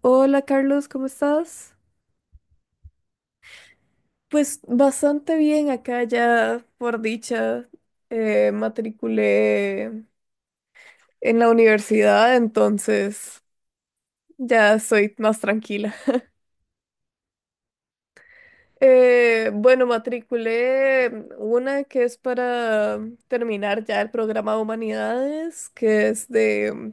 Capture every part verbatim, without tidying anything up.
Hola Carlos, ¿cómo estás? Pues bastante bien acá ya, por dicha, eh, matriculé en la universidad, entonces ya soy más tranquila. Eh, bueno, matriculé una que es para terminar ya el programa de humanidades, que es de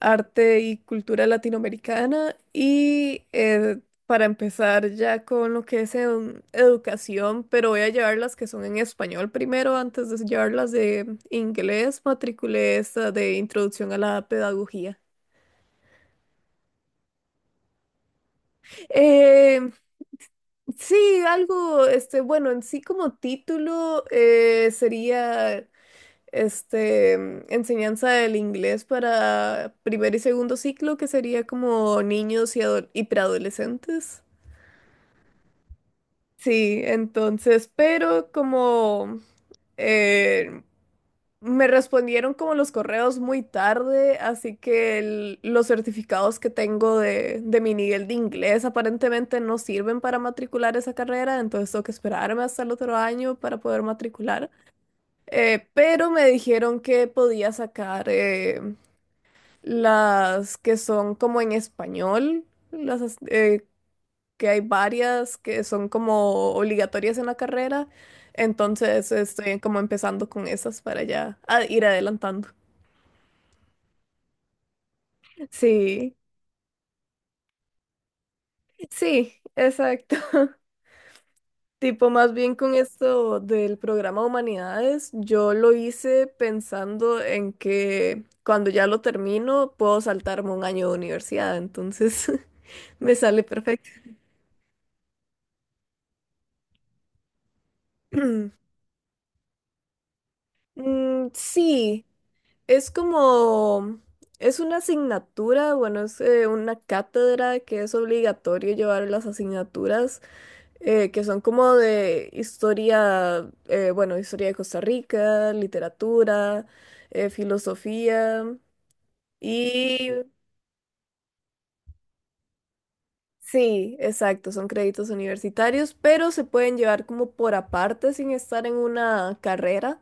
arte y cultura latinoamericana y eh, para empezar ya con lo que es em, educación, pero voy a llevar las que son en español primero antes de llevar las de inglés. Matriculé esta de introducción a la pedagogía. Eh, sí, algo, este, bueno, en sí como título eh, sería este, enseñanza del inglés para primer y segundo ciclo, que sería como niños y ado- y preadolescentes. Sí, entonces, pero como eh, me respondieron como los correos muy tarde, así que el- los certificados que tengo de, de mi nivel de inglés aparentemente no sirven para matricular esa carrera, entonces tengo que esperarme hasta el otro año para poder matricular. Eh, pero me dijeron que podía sacar eh, las que son como en español, las as- eh, que hay varias que son como obligatorias en la carrera. Entonces estoy como empezando con esas para ya a- ir adelantando. Sí, sí, exacto. Tipo, más bien con esto del programa Humanidades, yo lo hice pensando en que cuando ya lo termino puedo saltarme un año de universidad, entonces me sale perfecto. Mm, sí. Es como, es una asignatura, bueno, es eh, una cátedra que es obligatorio llevar las asignaturas eh, que son como de historia, eh, bueno, historia de Costa Rica, literatura, eh, filosofía y sí, exacto, son créditos universitarios, pero se pueden llevar como por aparte sin estar en una carrera.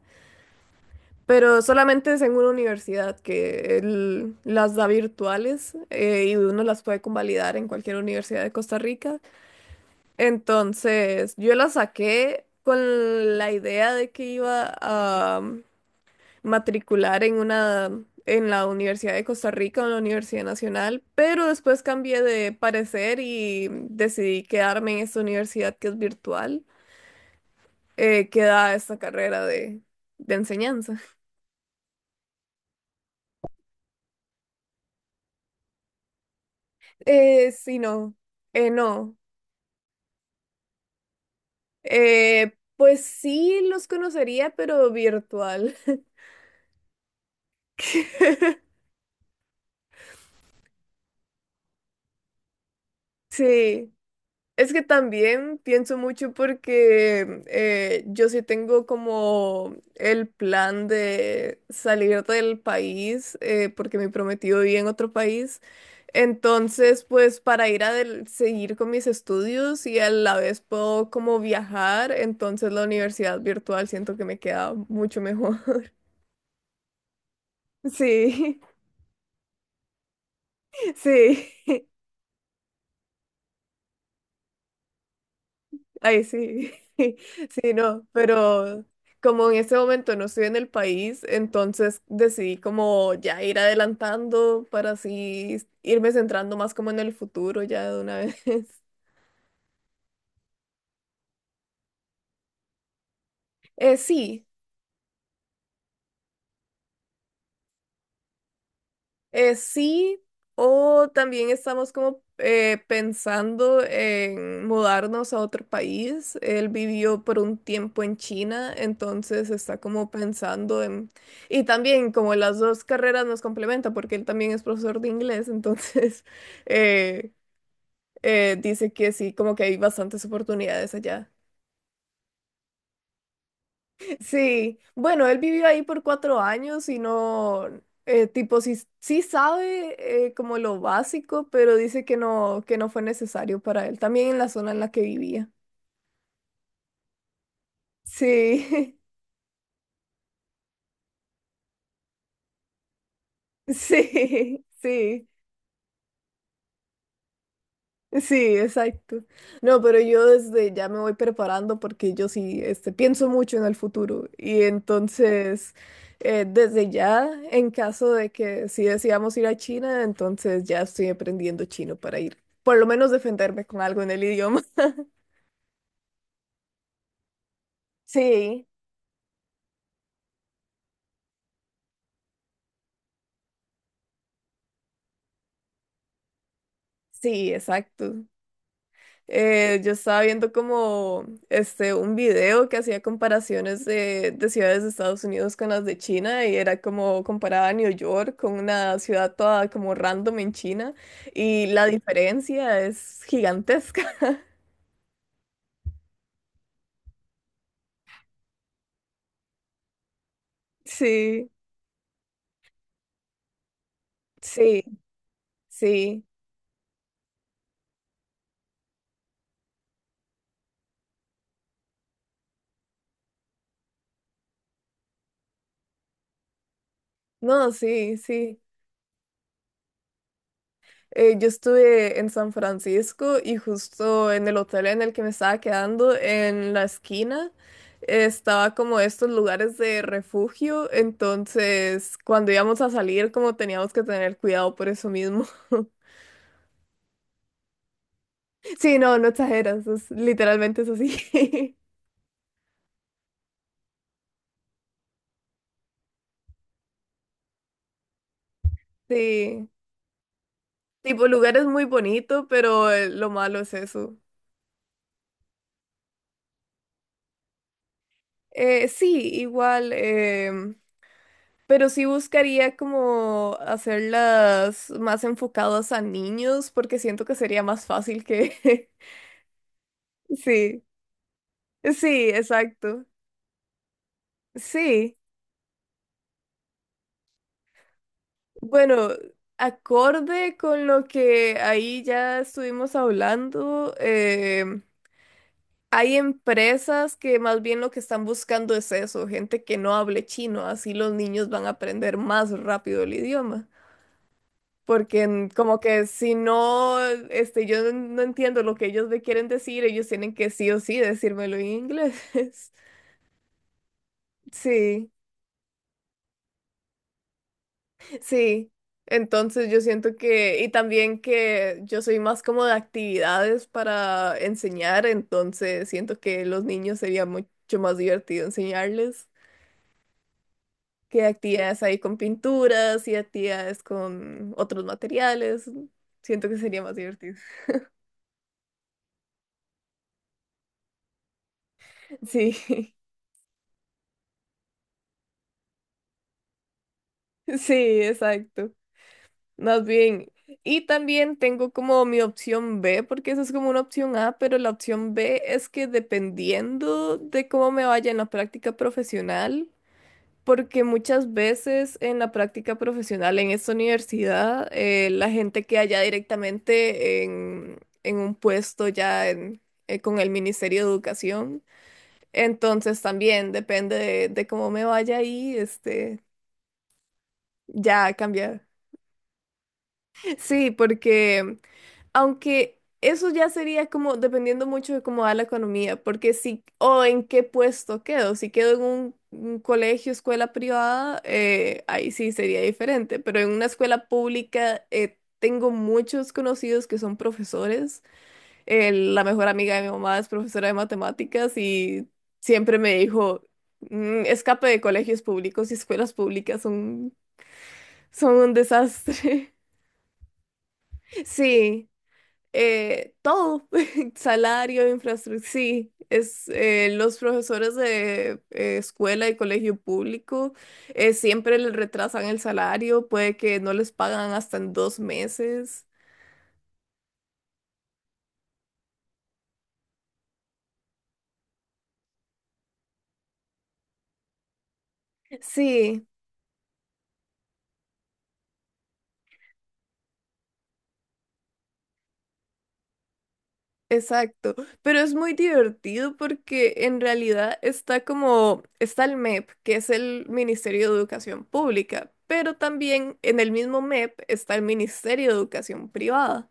Pero solamente es en una universidad que él las da virtuales eh, y uno las puede convalidar en cualquier universidad de Costa Rica. Entonces, yo la saqué con la idea de que iba a um, matricular en una en la Universidad de Costa Rica o en la Universidad Nacional, pero después cambié de parecer y decidí quedarme en esta universidad que es virtual, eh, que da esta carrera de, de enseñanza. Eh, sí, no. Eh, no, Eh, Pues sí los conocería, pero virtual. Sí, es que también pienso mucho porque eh, yo sí tengo como el plan de salir del país eh, porque mi prometido vive en otro país. Entonces, pues para ir a del- seguir con mis estudios y a la vez puedo como viajar, entonces la universidad virtual siento que me queda mucho mejor. Sí, sí. Ay, sí, sí, no, pero como en ese momento no estoy en el país, entonces decidí como ya ir adelantando para así irme centrando más como en el futuro ya de una vez. Eh, sí, Eh, sí, o también estamos como eh, pensando en mudarnos a otro país. Él vivió por un tiempo en China, entonces está como pensando en... Y también como las dos carreras nos complementan, porque él también es profesor de inglés, entonces eh, eh, dice que sí, como que hay bastantes oportunidades allá. Sí, bueno, él vivió ahí por cuatro años y no, eh, tipo, sí, sí sabe eh, como lo básico, pero dice que no, que no fue necesario para él, también en la zona en la que vivía. Sí, sí, sí. Sí, exacto. No, pero yo desde ya me voy preparando porque yo sí, este, pienso mucho en el futuro y entonces eh, desde ya, en caso de que si decidamos ir a China, entonces ya estoy aprendiendo chino para ir, por lo menos defenderme con algo en el idioma. Sí, sí, exacto. Eh, yo estaba viendo como este un video que hacía comparaciones de, de ciudades de Estados Unidos con las de China y era como comparaba a New York con una ciudad toda como random en China y la diferencia es gigantesca. Sí, sí, sí. No, sí, sí. Eh, yo estuve en San Francisco y justo en el hotel en el que me estaba quedando, en la esquina, eh, estaba como estos lugares de refugio, entonces cuando íbamos a salir como teníamos que tener cuidado por eso mismo. Sí, no, no exageras, es literalmente es así. Sí, tipo lugar es muy bonito, pero eh, lo malo es eso. Eh, sí, igual. em, Pero sí buscaría como hacerlas más enfocadas a niños porque siento que sería más fácil que... Sí, sí, exacto. Sí. Bueno, acorde con lo que ahí ya estuvimos hablando, eh, hay empresas que más bien lo que están buscando es eso, gente que no hable chino, así los niños van a aprender más rápido el idioma. Porque en- como que si no, este, yo no no entiendo lo que ellos me quieren decir, ellos tienen que sí o sí decírmelo en inglés. Sí, sí. Entonces yo siento que, y también que yo soy más como de actividades para enseñar, entonces siento que los niños sería mucho más divertido enseñarles que actividades ahí con pinturas y actividades con otros materiales. Siento que sería más divertido. Sí, sí, exacto. Más bien. Y también tengo como mi opción B, porque esa es como una opción A, pero la opción B es que dependiendo de cómo me vaya en la práctica profesional, porque muchas veces en la práctica profesional en esta universidad, eh, la gente queda ya directamente en, en un puesto ya en- eh, con el Ministerio de Educación. Entonces también depende de, de cómo me vaya ahí, este, ya cambia. Sí, porque... Aunque eso ya sería como dependiendo mucho de cómo va la economía, porque si, o en qué puesto quedo, si quedo en un, un colegio, escuela privada, eh, ahí sí sería diferente, pero en una escuela pública eh, tengo muchos conocidos que son profesores. Eh, la mejor amiga de mi mamá es profesora de matemáticas y siempre me dijo, "Mm, escape de colegios públicos y escuelas públicas son, son un desastre". Sí. Eh, todo, salario, infraestructura, sí, es, eh, los profesores de eh, escuela y colegio público eh, siempre les retrasan el salario, puede que no les pagan hasta en dos meses. Sí, exacto, pero es muy divertido porque en realidad está como, está el M E P, que es el Ministerio de Educación Pública, pero también en el mismo M E P está el Ministerio de Educación Privada.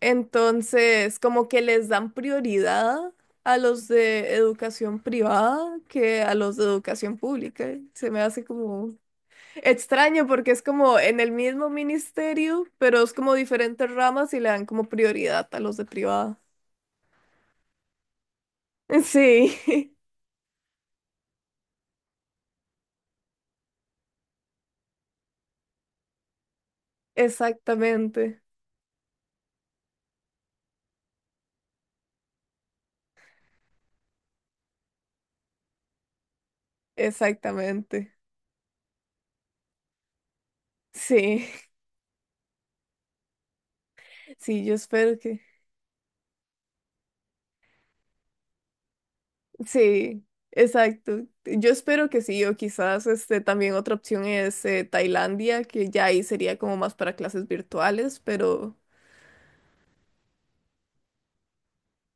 Entonces, como que les dan prioridad a los de educación privada que a los de educación pública. Se me hace como extraño porque es como en el mismo ministerio, pero es como diferentes ramas y le dan como prioridad a los de privada. Sí, exactamente, exactamente. Sí, sí, yo espero que... Sí, exacto. Yo espero que sí, o quizás este también otra opción es eh, Tailandia, que ya ahí sería como más para clases virtuales, pero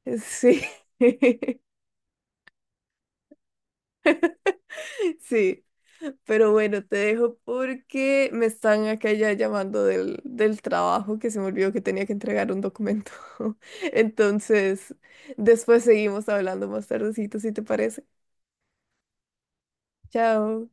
eh, sí. Sí, pero bueno, te dejo porque me están acá ya llamando del, del trabajo que se me olvidó que tenía que entregar un documento. Entonces, después seguimos hablando más tardecito, si te parece. Chao.